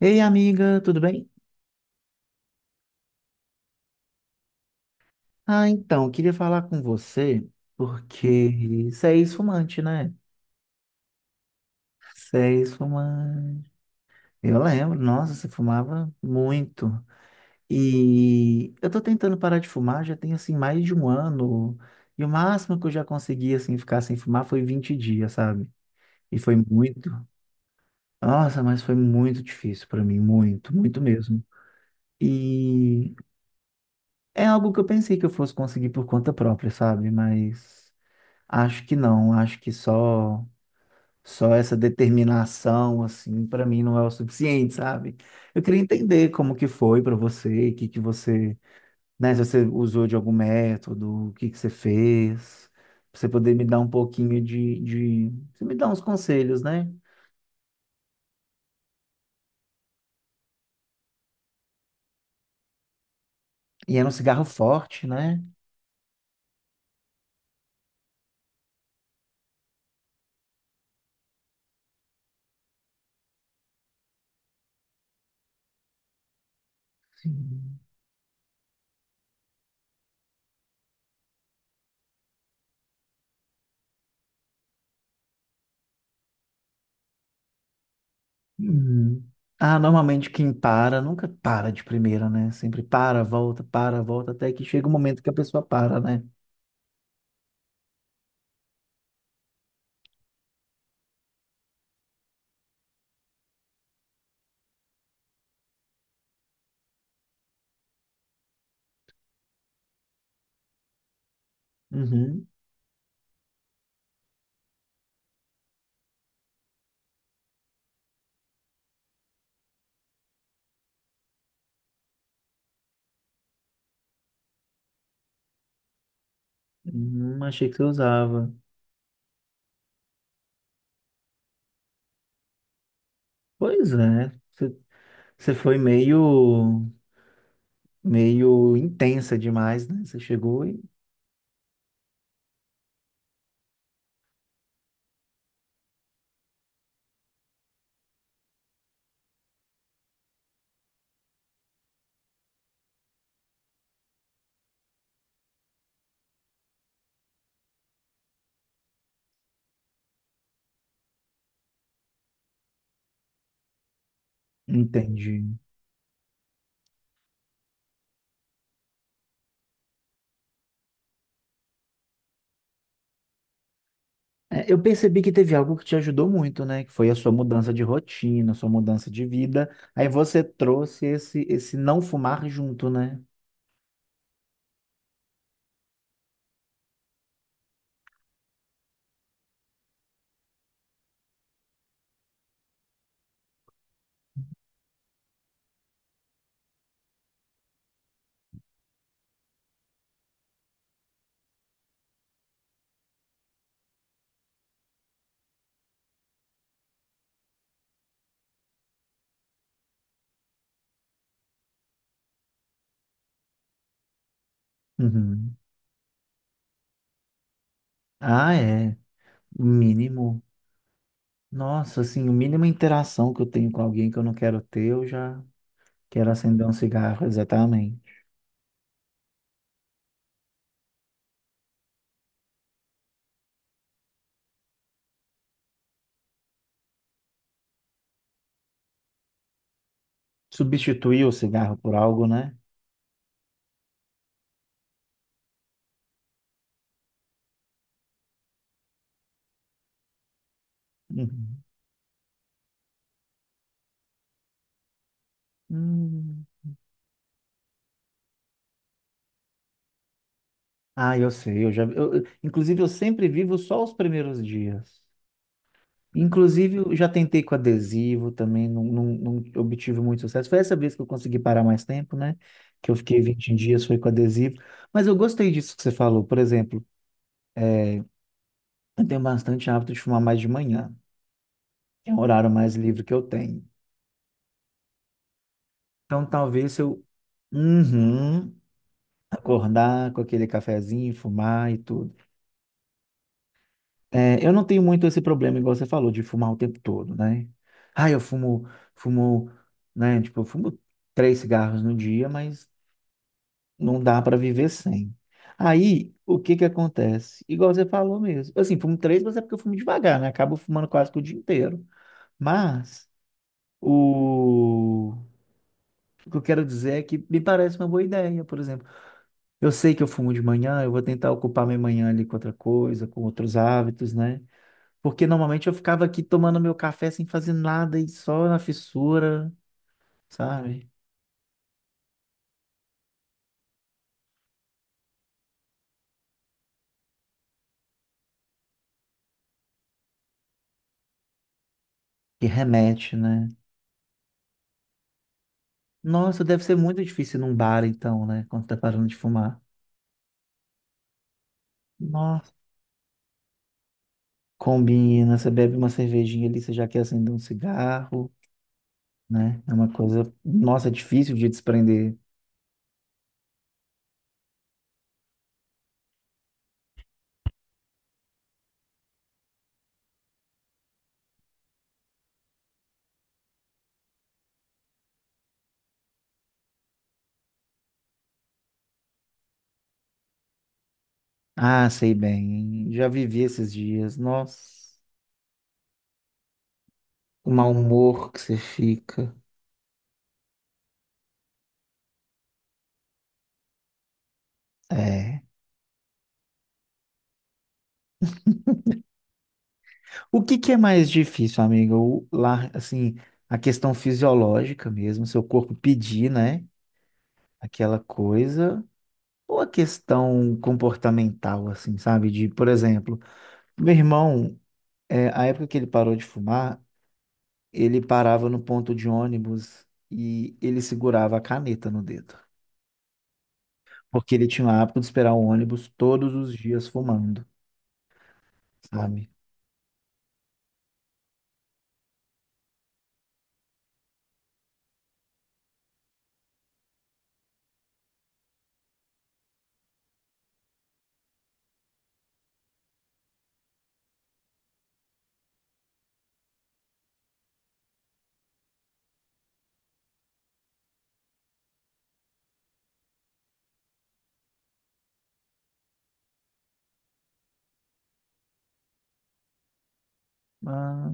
Ei, amiga, tudo bem? Ah, então, queria falar com você porque você é ex-fumante, né? Você é ex-fumante. Eu lembro, nossa, você fumava muito. E eu tô tentando parar de fumar, já tem assim mais de um ano. E o máximo que eu já consegui assim ficar sem fumar foi 20 dias, sabe? E foi muito. Nossa, mas foi muito difícil pra mim, muito, muito mesmo. E é algo que eu pensei que eu fosse conseguir por conta própria, sabe? Mas acho que não, acho que só essa determinação assim para mim não é o suficiente, sabe? Eu queria entender como que foi para você, o que que você, né, se você usou de algum método, o que que você fez, pra você poder me dar um pouquinho de você me dar uns conselhos, né? E era um cigarro forte, né? Sim. Uhum. Ah, normalmente quem para nunca para de primeira, né? Sempre para, volta até que chega o momento que a pessoa para, né? Uhum. Achei que você usava. Pois é, você foi meio intensa demais, né? Você chegou e entendi. É, eu percebi que teve algo que te ajudou muito, né? Que foi a sua mudança de rotina, a sua mudança de vida. Aí você trouxe esse, esse não fumar junto, né? Uhum. Ah, é. O mínimo. Nossa, assim, o mínimo interação que eu tenho com alguém que eu não quero ter, eu já quero acender um cigarro, exatamente. Substituir o cigarro por algo, né? Uhum. Hum. Ah, eu sei, eu já, eu- inclusive eu sempre vivo só os primeiros dias. Inclusive eu já tentei com adesivo também, não, não, não obtive muito sucesso. Foi essa vez que eu consegui parar mais tempo, né? Que eu fiquei 20 dias, foi com adesivo. Mas eu gostei disso que você falou. Por exemplo, eu tenho bastante hábito de fumar mais de manhã, que é o horário mais livre que eu tenho. Então talvez eu, uhum, acordar com aquele cafezinho, fumar e tudo. É, eu não tenho muito esse problema, igual você falou, de fumar o tempo todo, né? Ah, eu fumo, fumo, né? Tipo, eu fumo 3 cigarros no dia, mas não dá para viver sem. Aí, o que que acontece? Igual você falou mesmo. Assim, fumo três, mas é porque eu fumo devagar, né? Acabo fumando quase que o dia inteiro. Mas, o... o que eu quero dizer é que me parece uma boa ideia, por exemplo. Eu sei que eu fumo de manhã, eu vou tentar ocupar minha manhã ali com outra coisa, com outros hábitos, né? Porque normalmente eu ficava aqui tomando meu café sem fazer nada e só na fissura, sabe? Que remete, né? Nossa, deve ser muito difícil ir num bar então, né? Quando tá parando de fumar. Nossa, combina, você bebe uma cervejinha ali, você já quer acender um cigarro, né? É uma coisa, nossa, difícil de desprender. Ah, sei bem, já vivi esses dias. Nossa, o mau humor que você fica. É. O que que é mais difícil, amiga? O, lá, assim, a questão fisiológica mesmo, seu corpo pedir, né? Aquela coisa. Ou a questão comportamental, assim, sabe? De, por exemplo, meu irmão, a época que ele parou de fumar, ele parava no ponto de ônibus e ele segurava a caneta no dedo. Porque ele tinha o hábito de esperar o ônibus todos os dias fumando, sabe? Ah,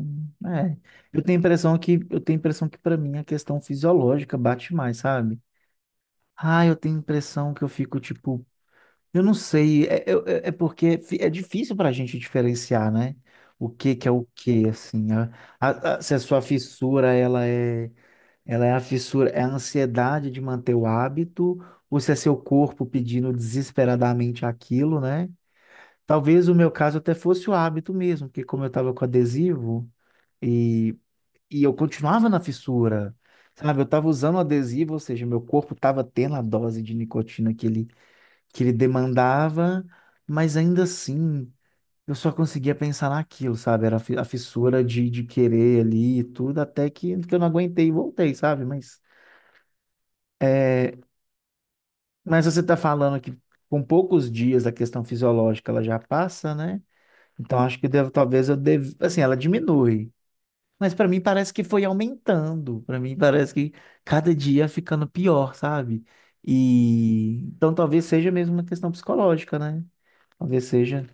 é. Eu tenho a impressão que para mim a questão fisiológica bate mais, sabe? Ah, eu tenho a impressão que eu fico tipo, eu não sei, é difícil pra gente diferenciar, né? O que que é o que, assim, se a sua fissura ela é a fissura, é a ansiedade de manter o hábito, ou se é seu corpo pedindo desesperadamente aquilo, né? Talvez o meu caso até fosse o hábito mesmo, porque como eu tava com adesivo e e eu continuava na fissura, sabe? Eu estava usando o adesivo, ou seja, meu corpo estava tendo a dose de nicotina que ele demandava, mas ainda assim, eu só conseguia pensar naquilo, sabe? Era a fissura de querer ali e tudo, até que eu não aguentei e voltei, sabe? Mas você está falando que com poucos dias a questão fisiológica ela já passa, né? Então acho que devo, talvez eu deva, assim, ela diminui. Mas pra mim parece que foi aumentando. Pra mim parece que cada dia ficando pior, sabe? E então talvez seja mesmo uma questão psicológica, né? Talvez seja.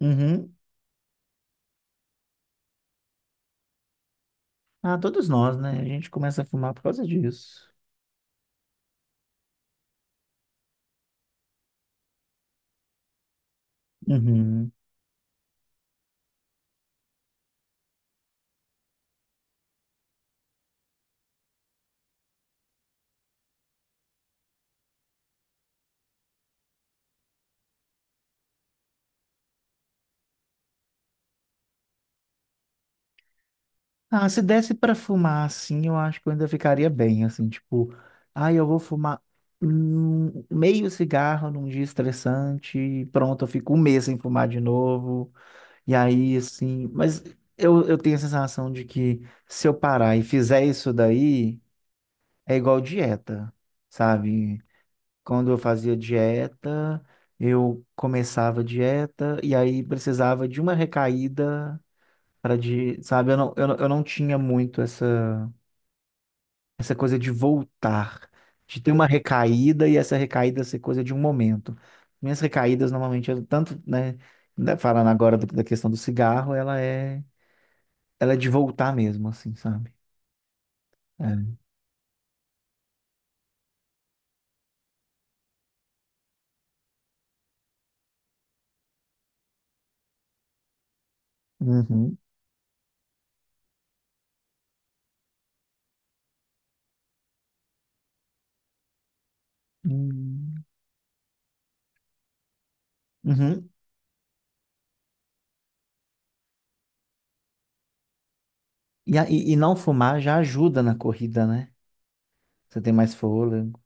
Uhum. Ah, todos nós, né? A gente começa a fumar por causa disso. Uhum. Ah, se desse pra fumar assim, eu acho que eu ainda ficaria bem, assim, tipo, ah, eu vou fumar meio cigarro num dia estressante, e pronto, eu fico um mês sem fumar de novo. E aí, assim, mas eu tenho a sensação de que se eu parar e fizer isso daí, é igual dieta, sabe? Quando eu fazia dieta, eu começava a dieta e aí precisava de uma recaída para de, sabe? Eu não tinha muito essa coisa de voltar, de ter uma recaída e essa recaída ser coisa de um momento. Minhas recaídas normalmente, tanto, né, ainda falando agora da questão do cigarro, ela é de voltar mesmo, assim, sabe? É. Uhum. Hum. Uhum. E não fumar já ajuda na corrida, né? Você tem mais fôlego.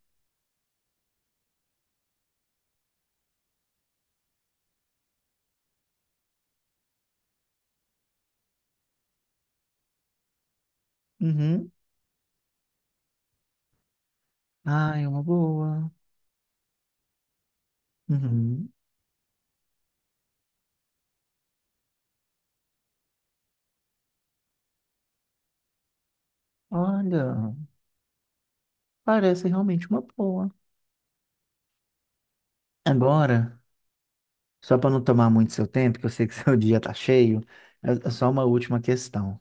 Uhum. Ah, é uma boa. Uhum. Olha, parece realmente uma boa. Agora, só para não tomar muito seu tempo, que eu sei que seu dia tá cheio, é só uma última questão.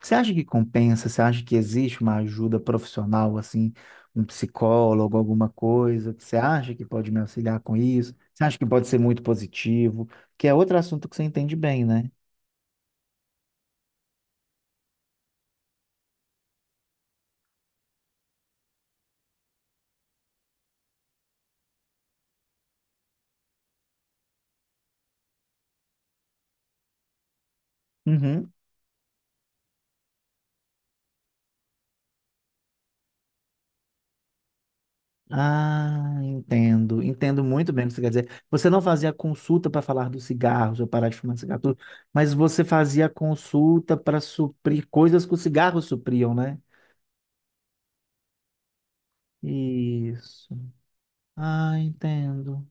Você acha que compensa? Você acha que existe uma ajuda profissional, assim, um psicólogo, alguma coisa que você acha que pode me auxiliar com isso? Você acha que pode ser muito positivo? Que é outro assunto que você entende bem, né? Uhum. Ah, entendo. Entendo muito bem o que você quer dizer. Você não fazia consulta para falar dos cigarros ou parar de fumar cigarro, tudo, mas você fazia consulta para suprir coisas que os cigarros supriam, né? Isso. Ah, entendo.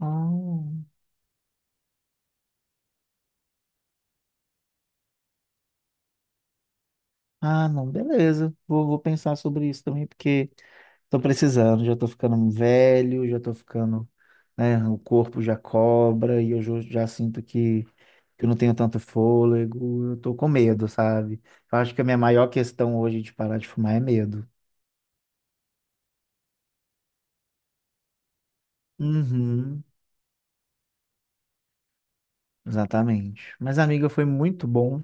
Oh. Ah, não, beleza. Vou pensar sobre isso também, porque tô precisando, já tô ficando velho, já tô ficando, né, o corpo já cobra e eu já sinto que eu não tenho tanto fôlego, eu tô com medo, sabe? Eu acho que a minha maior questão hoje de parar de fumar é medo. Uhum, exatamente. Mas, amiga, foi muito bom.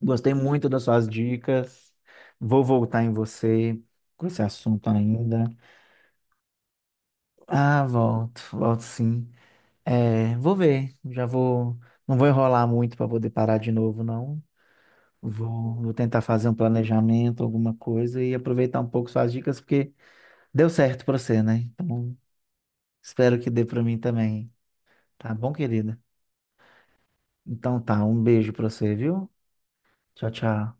Gostei muito das suas dicas. Vou voltar em você com esse assunto ainda. Ah, volto, volto sim. É, vou ver. Já vou. Não vou enrolar muito para poder parar de novo, não. Vou tentar fazer um planejamento, alguma coisa e aproveitar um pouco suas dicas, porque deu certo para você, né? Então, espero que dê para mim também. Tá bom, querida? Então tá, um beijo para você, viu? Tchau, tchau.